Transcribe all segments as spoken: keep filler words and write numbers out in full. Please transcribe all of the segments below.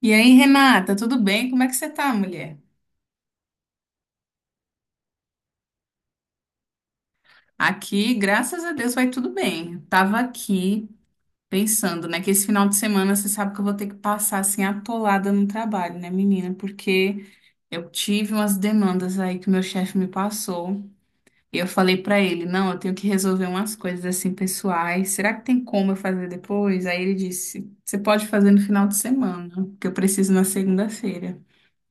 E aí, Renata, tudo bem? Como é que você tá, mulher? Aqui, graças a Deus, vai tudo bem. Tava aqui pensando, né, que esse final de semana você sabe que eu vou ter que passar assim atolada no trabalho, né, menina? Porque eu tive umas demandas aí que o meu chefe me passou. E eu falei pra ele, não, eu tenho que resolver umas coisas assim pessoais. Será que tem como eu fazer depois? Aí ele disse, você pode fazer no final de semana, que eu preciso na segunda-feira.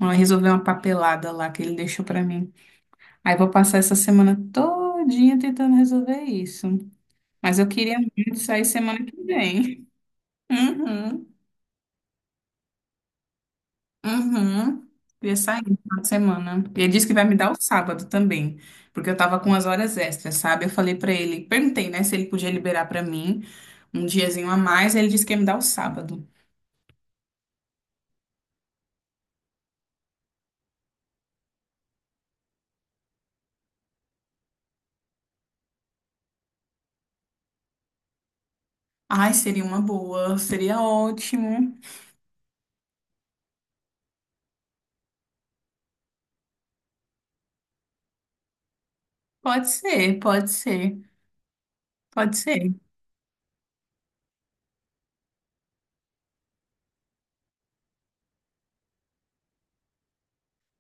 Ó, resolver uma papelada lá que ele deixou pra mim. Aí vou passar essa semana todinha tentando resolver isso. Mas eu queria muito sair semana que vem. Uhum, uhum. Queria sair no final de semana. E ele disse que vai me dar o sábado também, porque eu tava com umas horas extras, sabe? Eu falei pra ele, perguntei, né, se ele podia liberar pra mim um diazinho a mais. Ele disse que ia me dar o sábado. Ai, seria uma boa, seria ótimo. Pode ser, pode ser, pode ser.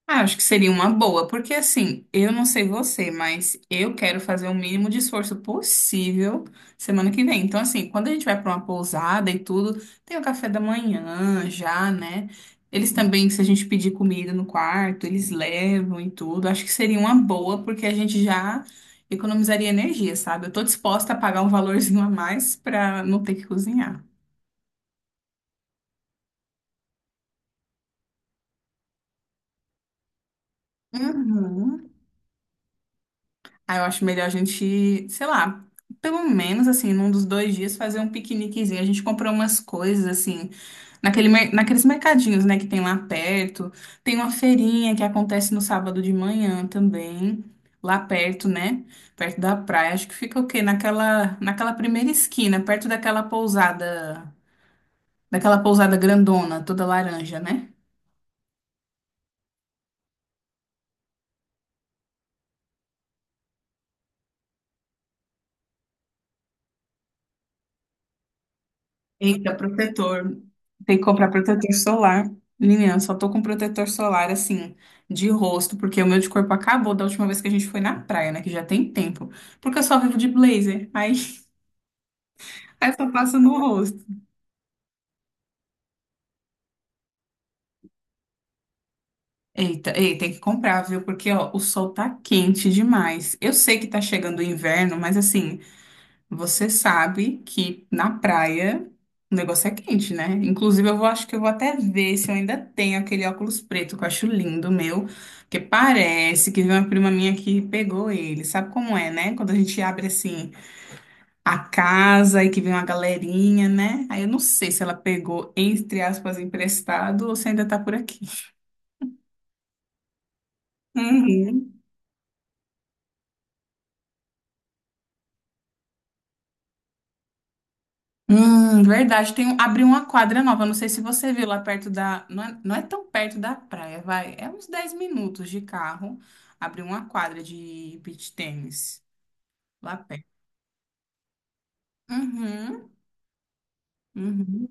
Ah, acho que seria uma boa, porque assim, eu não sei você, mas eu quero fazer o mínimo de esforço possível semana que vem. Então, assim, quando a gente vai para uma pousada e tudo, tem o café da manhã já, né? Eles também, se a gente pedir comida no quarto, eles levam e tudo. Acho que seria uma boa, porque a gente já economizaria energia, sabe? Eu tô disposta a pagar um valorzinho a mais para não ter que cozinhar. Uhum. Aí eu acho melhor a gente, sei lá, pelo menos assim, num dos dois dias fazer um piqueniquezinho. A gente comprou umas coisas assim, naquele, mer- naqueles mercadinhos, né, que tem lá perto. Tem uma feirinha que acontece no sábado de manhã também, lá perto, né, perto da praia. Acho que fica o quê? Naquela, naquela primeira esquina, perto daquela pousada, daquela pousada grandona, toda laranja, né? Eita, protetor. Tem que comprar protetor solar. Menina, eu só tô com protetor solar, assim, de rosto, porque o meu de corpo acabou da última vez que a gente foi na praia, né? Que já tem tempo. Porque eu só vivo de blazer. Aí, aí só passo no rosto. Eita, ei, tem que comprar, viu? Porque, ó, o sol tá quente demais. Eu sei que tá chegando o inverno, mas, assim, você sabe que na praia o negócio é quente, né? Inclusive, eu vou, acho que eu vou até ver se eu ainda tenho aquele óculos preto que eu acho lindo, meu. Porque parece que veio uma prima minha que pegou ele. Sabe como é, né? Quando a gente abre assim a casa e que vem uma galerinha, né? Aí eu não sei se ela pegou, entre aspas, emprestado ou se ainda tá por aqui. Uhum. Hum, verdade. Tem um, abriu uma quadra nova. Não sei se você viu lá perto da. Não é, não é tão perto da praia, vai. É uns dez minutos de carro. Abriu uma quadra de beach tênis lá perto. Uhum, uhum,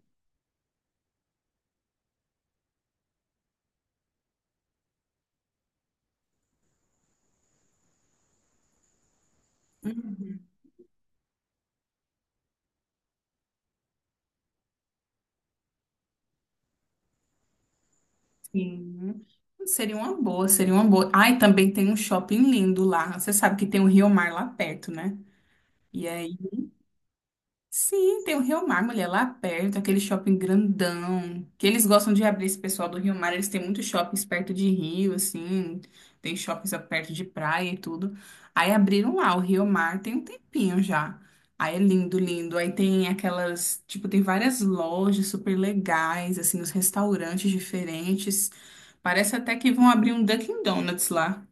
uhum, sim. Seria uma boa, seria uma boa. Ai também tem um shopping lindo lá. Você sabe que tem o Rio Mar lá perto, né? E aí sim, tem o Rio Mar, mulher, lá perto, aquele shopping grandão, que eles gostam de abrir esse pessoal do Rio Mar, eles têm muitos shoppings perto de rio, assim, tem shoppings perto de praia e tudo. Aí abriram lá o Rio Mar, tem um tempinho já. Aí é lindo, lindo. Aí tem aquelas, tipo, tem várias lojas super legais, assim, os restaurantes diferentes. Parece até que vão abrir um Dunkin' Donuts lá.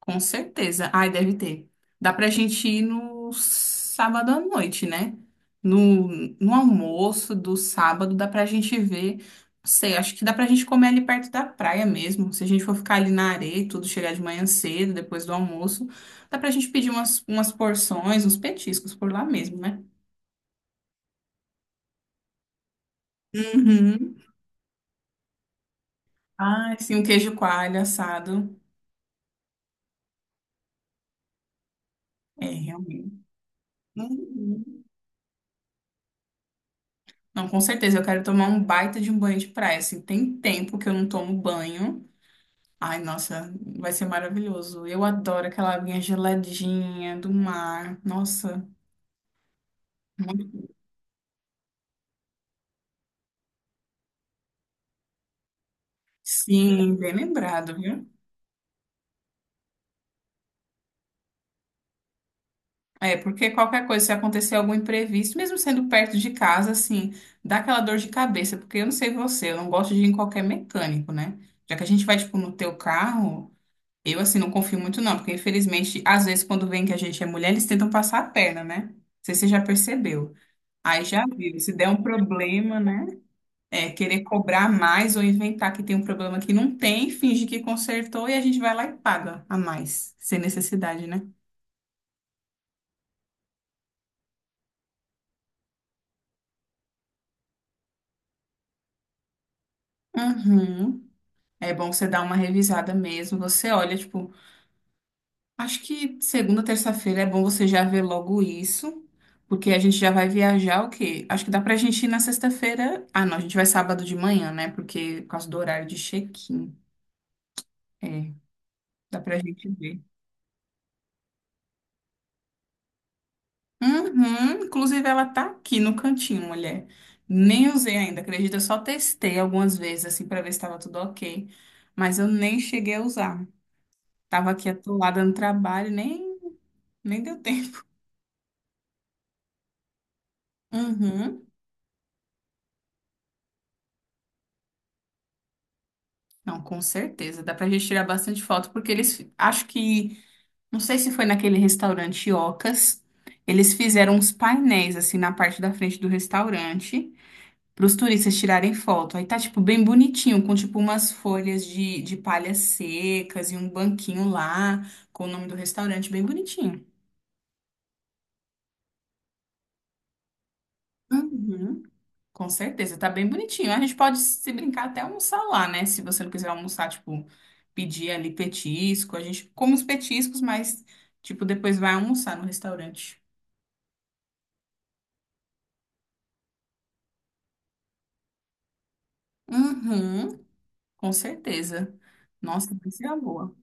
Com certeza. Ai, deve ter. Dá pra gente ir no sábado à noite, né? No, no almoço do sábado, dá pra gente ver. Não sei, acho que dá pra gente comer ali perto da praia mesmo. Se a gente for ficar ali na areia e tudo, chegar de manhã cedo, depois do almoço, dá pra gente pedir umas, umas porções, uns petiscos por lá mesmo, né? Uhum. Ai, sim, um queijo coalho assado. É, realmente. Uhum. Não, com certeza, eu quero tomar um baita de um banho de praia, assim, tem tempo que eu não tomo banho. Ai, nossa, vai ser maravilhoso. Eu adoro aquela aguinha geladinha do mar. Nossa, muito- sim, bem lembrado, viu? É, porque qualquer coisa, se acontecer algum imprevisto, mesmo sendo perto de casa, assim, dá aquela dor de cabeça, porque eu não sei você, eu não gosto de ir em qualquer mecânico, né? Já que a gente vai, tipo, no teu carro. Eu, assim, não confio muito, não, porque infelizmente, às vezes, quando vem que a gente é mulher, eles tentam passar a perna, né? Não sei se você já percebeu. Aí já viu, se der um problema, né? É querer cobrar mais ou inventar que tem um problema que não tem, finge que consertou e a gente vai lá e paga a mais, sem necessidade, né? Uhum. É bom você dar uma revisada mesmo. Você olha, tipo, acho que segunda, terça-feira é bom você já ver logo isso, porque a gente já vai viajar o quê? Acho que dá pra gente ir na sexta-feira. Ah, não, a gente vai sábado de manhã, né? Porque por causa do horário de check-in. É, dá pra gente ver. Uhum, inclusive ela tá aqui no cantinho, mulher. Nem usei ainda, acredita? Eu só testei algumas vezes, assim, pra ver se tava tudo ok. Mas eu nem cheguei a usar. Tava aqui atolada no trabalho, nem, nem deu tempo. Uhum. Não, com certeza. Dá pra gente tirar bastante foto, porque eles, acho que, não sei se foi naquele restaurante Ocas, eles fizeram uns painéis, assim, na parte da frente do restaurante, pros turistas tirarem foto. Aí tá, tipo, bem bonitinho, com, tipo, umas folhas de, de palhas secas e um banquinho lá, com o nome do restaurante, bem bonitinho. Uhum. Com certeza, tá bem bonitinho. A gente pode se brincar até almoçar lá, né? Se você não quiser almoçar, tipo, pedir ali petisco. A gente come os petiscos, mas, tipo, depois vai almoçar no restaurante. Uhum, com certeza. Nossa, vai ser uma boa.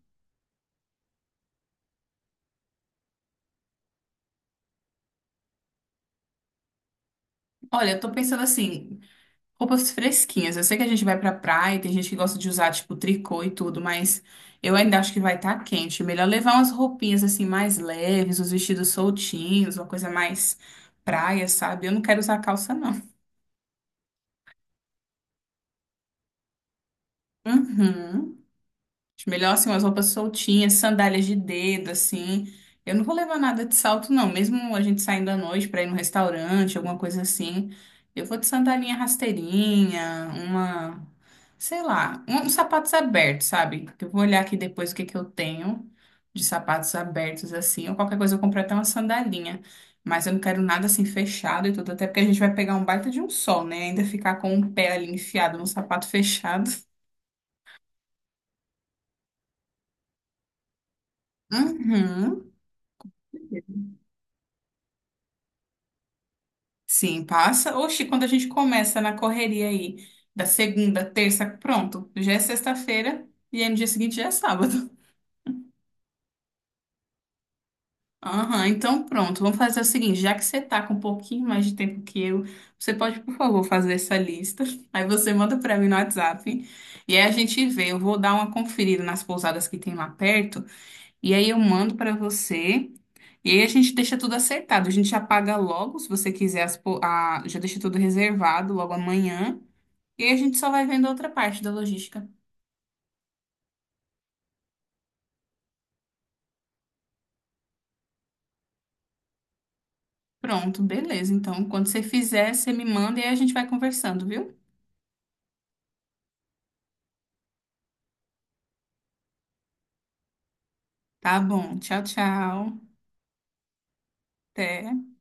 Olha, eu tô pensando assim, roupas fresquinhas. Eu sei que a gente vai pra praia, tem gente que gosta de usar, tipo, tricô e tudo, mas eu ainda acho que vai estar tá quente. Melhor levar umas roupinhas, assim, mais leves, uns vestidos soltinhos, uma coisa mais praia, sabe? Eu não quero usar calça, não. Uhum. Acho melhor assim, umas roupas soltinhas, sandálias de dedo, assim. Eu não vou levar nada de salto, não. Mesmo a gente saindo à noite pra ir no restaurante, alguma coisa assim. Eu vou de sandalinha rasteirinha, uma, sei lá, um- uns sapatos abertos, sabe? Eu vou olhar aqui depois o que que eu tenho de sapatos abertos, assim. Ou qualquer coisa eu compro até uma sandalinha. Mas eu não quero nada assim fechado e tudo, até porque a gente vai pegar um baita de um sol, né? Ainda ficar com o pé ali enfiado num sapato fechado. Uhum. Sim, passa. Oxi, quando a gente começa na correria aí, da segunda, terça, pronto, já é sexta-feira e aí no dia seguinte já é sábado. Aham, então pronto, vamos fazer o seguinte, já que você tá com um pouquinho mais de tempo que eu, você pode, por favor, fazer essa lista. Aí você manda pra mim no WhatsApp e aí a gente vê, eu vou dar uma conferida nas pousadas que tem lá perto e aí eu mando pra você. E aí a gente deixa tudo acertado, a gente já paga logo, se você quiser, as pou- a- já deixa tudo reservado logo amanhã. E aí a gente só vai vendo outra parte da logística. Pronto, beleza. Então, quando você fizer, você me manda e aí a gente vai conversando, viu? Tá bom. Tchau, tchau. Até.